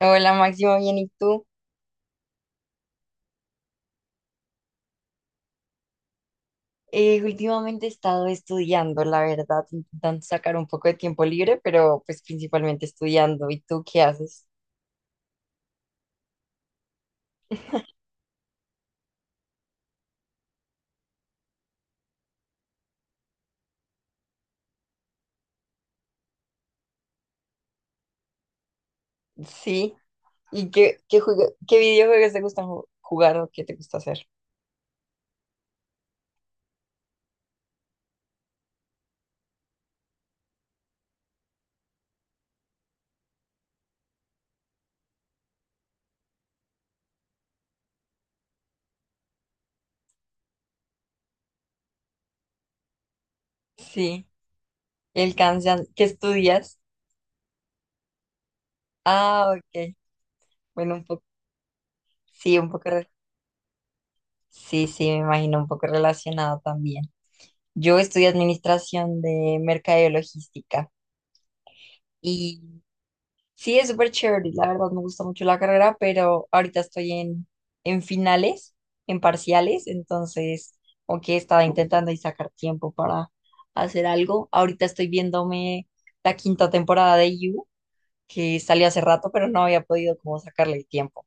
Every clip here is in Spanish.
Hola Máximo, bien, ¿y tú? Últimamente he estado estudiando, la verdad, intentando sacar un poco de tiempo libre, pero pues principalmente estudiando. ¿Y tú qué haces? Sí. ¿Y qué videojuegos te gustan jugar o qué te gusta hacer? Sí. El Kanban, ¿qué estudias? Ah, ok. Bueno, un poco, sí, un poco, sí, sí, me imagino un poco relacionado también. Yo estudié administración de mercadeo y logística. Sí, es súper chévere, la verdad me gusta mucho la carrera, pero ahorita estoy en finales, en parciales, entonces, aunque estaba intentando y sacar tiempo para hacer algo, ahorita estoy viéndome la quinta temporada de You, que salió hace rato, pero no había podido como sacarle el tiempo.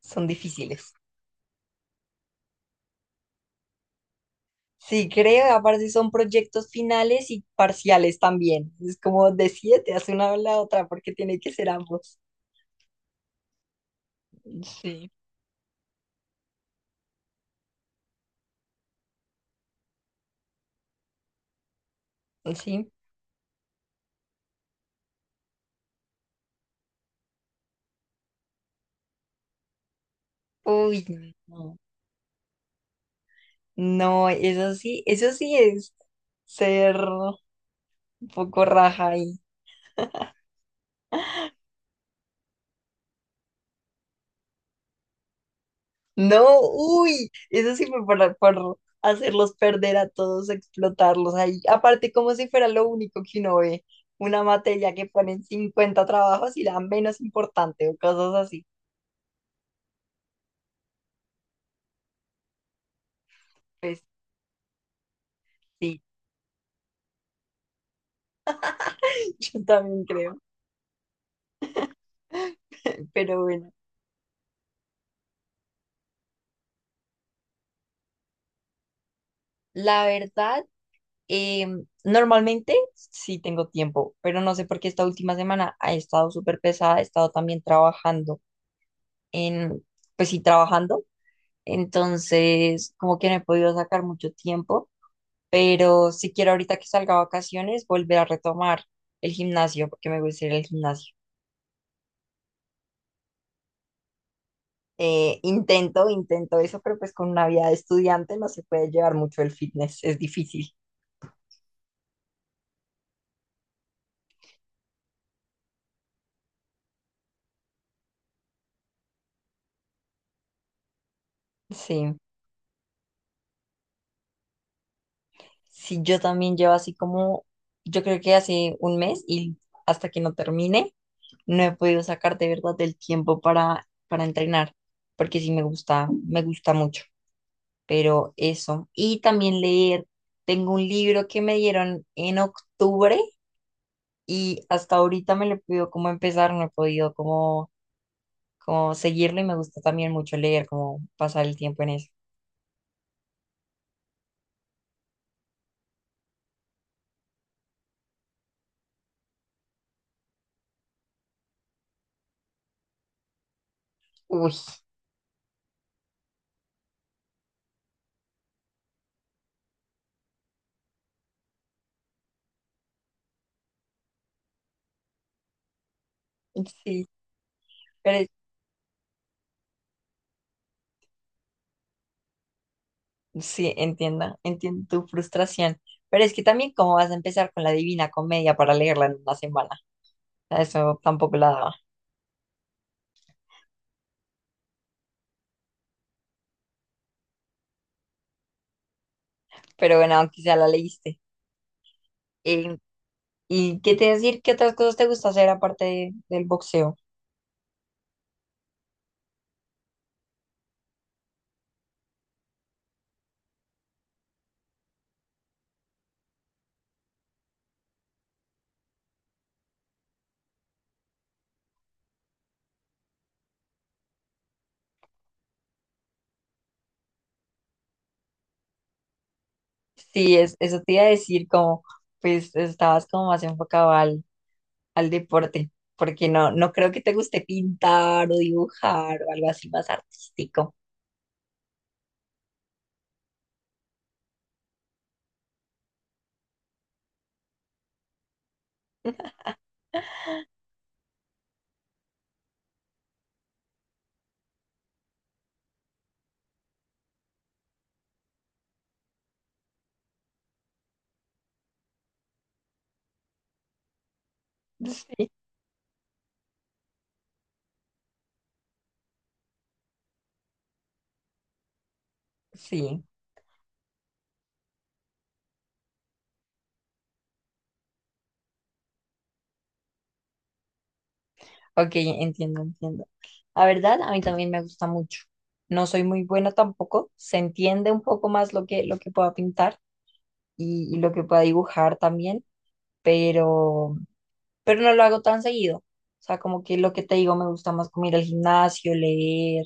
Son difíciles. Sí, creo, aparte son proyectos finales y parciales también. Es como de siete, hace una o la otra, porque tiene que ser ambos. Sí. Sí. Uy, no. No, eso sí es ser un poco raja ahí. No, uy, eso sí fue para, por hacerlos perder a todos, explotarlos ahí. Aparte, como si fuera lo único que uno ve, una materia que ponen 50 trabajos y la menos importante o cosas así. Pues sí, yo también creo, pero bueno, la verdad, eh, normalmente sí tengo tiempo, pero no sé por qué esta última semana ha estado súper pesada, he estado también trabajando en, pues sí, trabajando. Entonces, como que no he podido sacar mucho tiempo, pero si quiero ahorita que salga a vacaciones, volver a retomar el gimnasio, porque me gusta ir al gimnasio. Intento, intento eso, pero pues con una vida de estudiante no se puede llevar mucho el fitness, es difícil. Sí, sí, yo también llevo así como, yo creo que hace un mes y hasta que no termine, no he podido sacar de verdad el tiempo para, entrenar, porque sí me gusta mucho. Pero eso. Y también leer. Tengo un libro que me dieron en octubre y hasta ahorita me lo pido como empezar, no he podido como seguirlo y me gusta también mucho leer, como pasar el tiempo en eso. Uy, sí, pero sí, entiendo, entiendo tu frustración. Pero es que también cómo vas a empezar con la Divina Comedia para leerla en una semana. A eso tampoco la daba. Pero bueno, aunque sea la leíste. Eh, ¿Y qué te decir? ¿Qué otras cosas te gusta hacer aparte del boxeo? Sí, es, eso te iba a decir, como pues estabas como más enfocado al, deporte, porque no creo que te guste pintar o dibujar o algo así más artístico. Sí, sí, ok, entiendo, entiendo. La verdad, a mí también me gusta mucho. No soy muy buena tampoco, se entiende un poco más lo que, pueda pintar y lo que pueda dibujar también, pero no lo hago tan seguido. O sea, como que lo que te digo, me gusta más como ir al gimnasio, leer,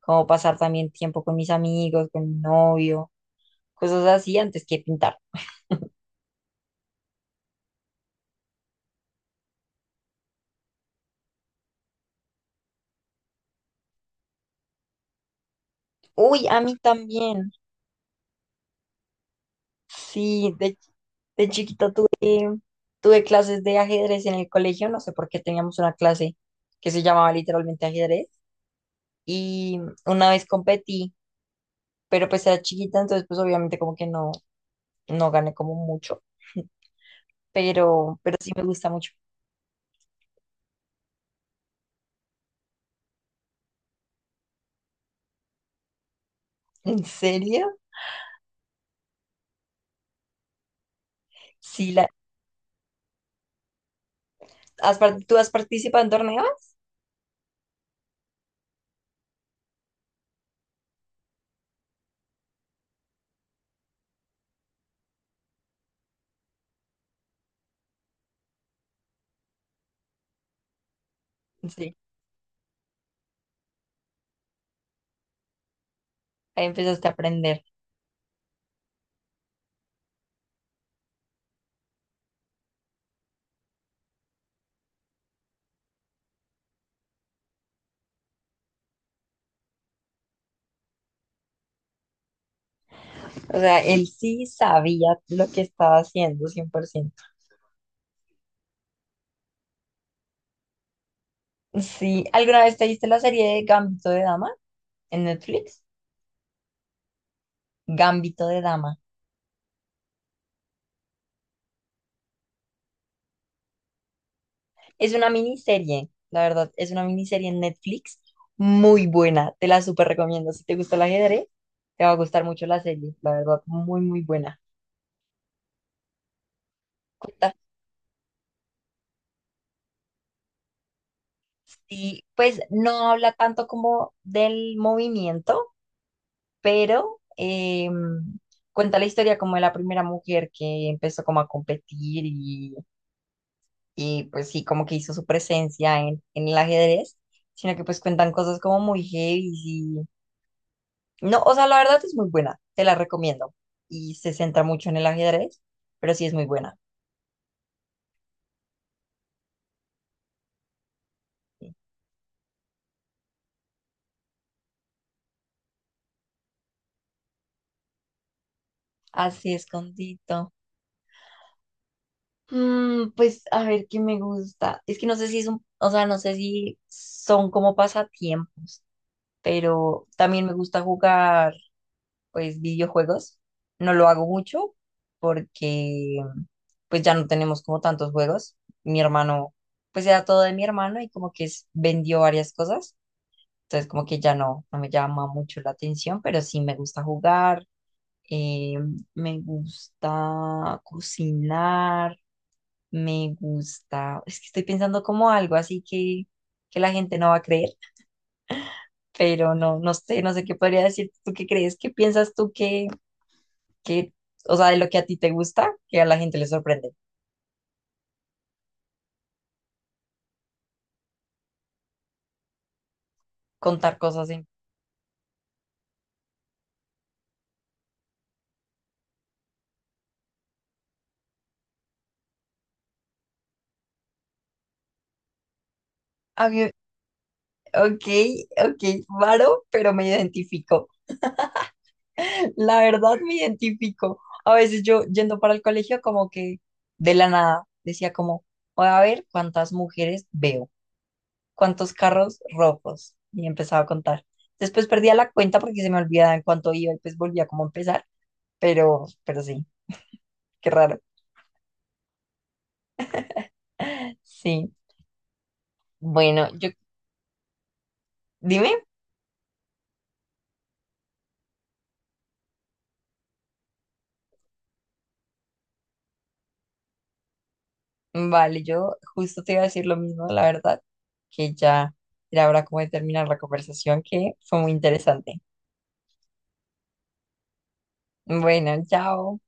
como pasar también tiempo con mis amigos, con mi novio, cosas así antes que pintar. Uy, a mí también. Sí, de chiquita tuve, tuve clases de ajedrez en el colegio, no sé por qué teníamos una clase que se llamaba literalmente ajedrez y una vez competí, pero pues era chiquita, entonces pues obviamente como que no, gané como mucho, pero sí me gusta mucho. ¿En serio? Sí, ¿tú has participado en torneos? Sí, ahí empezaste a aprender. O sea, él sí sabía lo que estaba haciendo, 100%. Sí, ¿alguna vez te viste la serie de Gambito de Dama en Netflix? Gambito de Dama. Es una miniserie, la verdad, es una miniserie en Netflix muy buena. Te la súper recomiendo. Si te gusta el ajedrez, te va a gustar mucho la serie, la verdad, muy, muy buena. Cuenta- Sí, pues no habla tanto como del movimiento, pero cuenta la historia como de la primera mujer que empezó como a competir y, pues sí, como que hizo su presencia en el ajedrez, sino que pues cuentan cosas como muy heavy y no, o sea, la verdad es muy buena, te la recomiendo y se centra mucho en el ajedrez, pero sí es muy buena. Así escondido. Mm, pues a ver qué me gusta. Es que no sé si es un, o sea, no sé si son como pasatiempos, pero también me gusta jugar pues videojuegos. No lo hago mucho porque pues ya no tenemos como tantos juegos. Mi hermano, pues era todo de mi hermano y como que vendió varias cosas. Entonces como que ya no, me llama mucho la atención, pero sí me gusta jugar, eh, me gusta cocinar, me gusta, es que estoy pensando como algo así que la gente no va a creer, pero no, no sé, no sé qué podría decir. ¿Tú qué crees? ¿Qué piensas tú que, o sea, de lo que a ti te gusta, que a la gente le sorprende. Contar cosas así. A mí, ok, ok, raro, pero me identifico. La verdad me identifico. A veces yo yendo para el colegio como que de la nada decía como, voy a ver cuántas mujeres veo, cuántos carros rojos. Y empezaba a contar. Después perdía la cuenta porque se me olvidaba en cuánto iba y pues volvía como a empezar. Pero sí, qué raro. Sí. Bueno, yo, dime. Vale, yo justo te iba a decir lo mismo, la verdad, que ya era hora como de terminar la conversación, que fue muy interesante. Bueno, chao.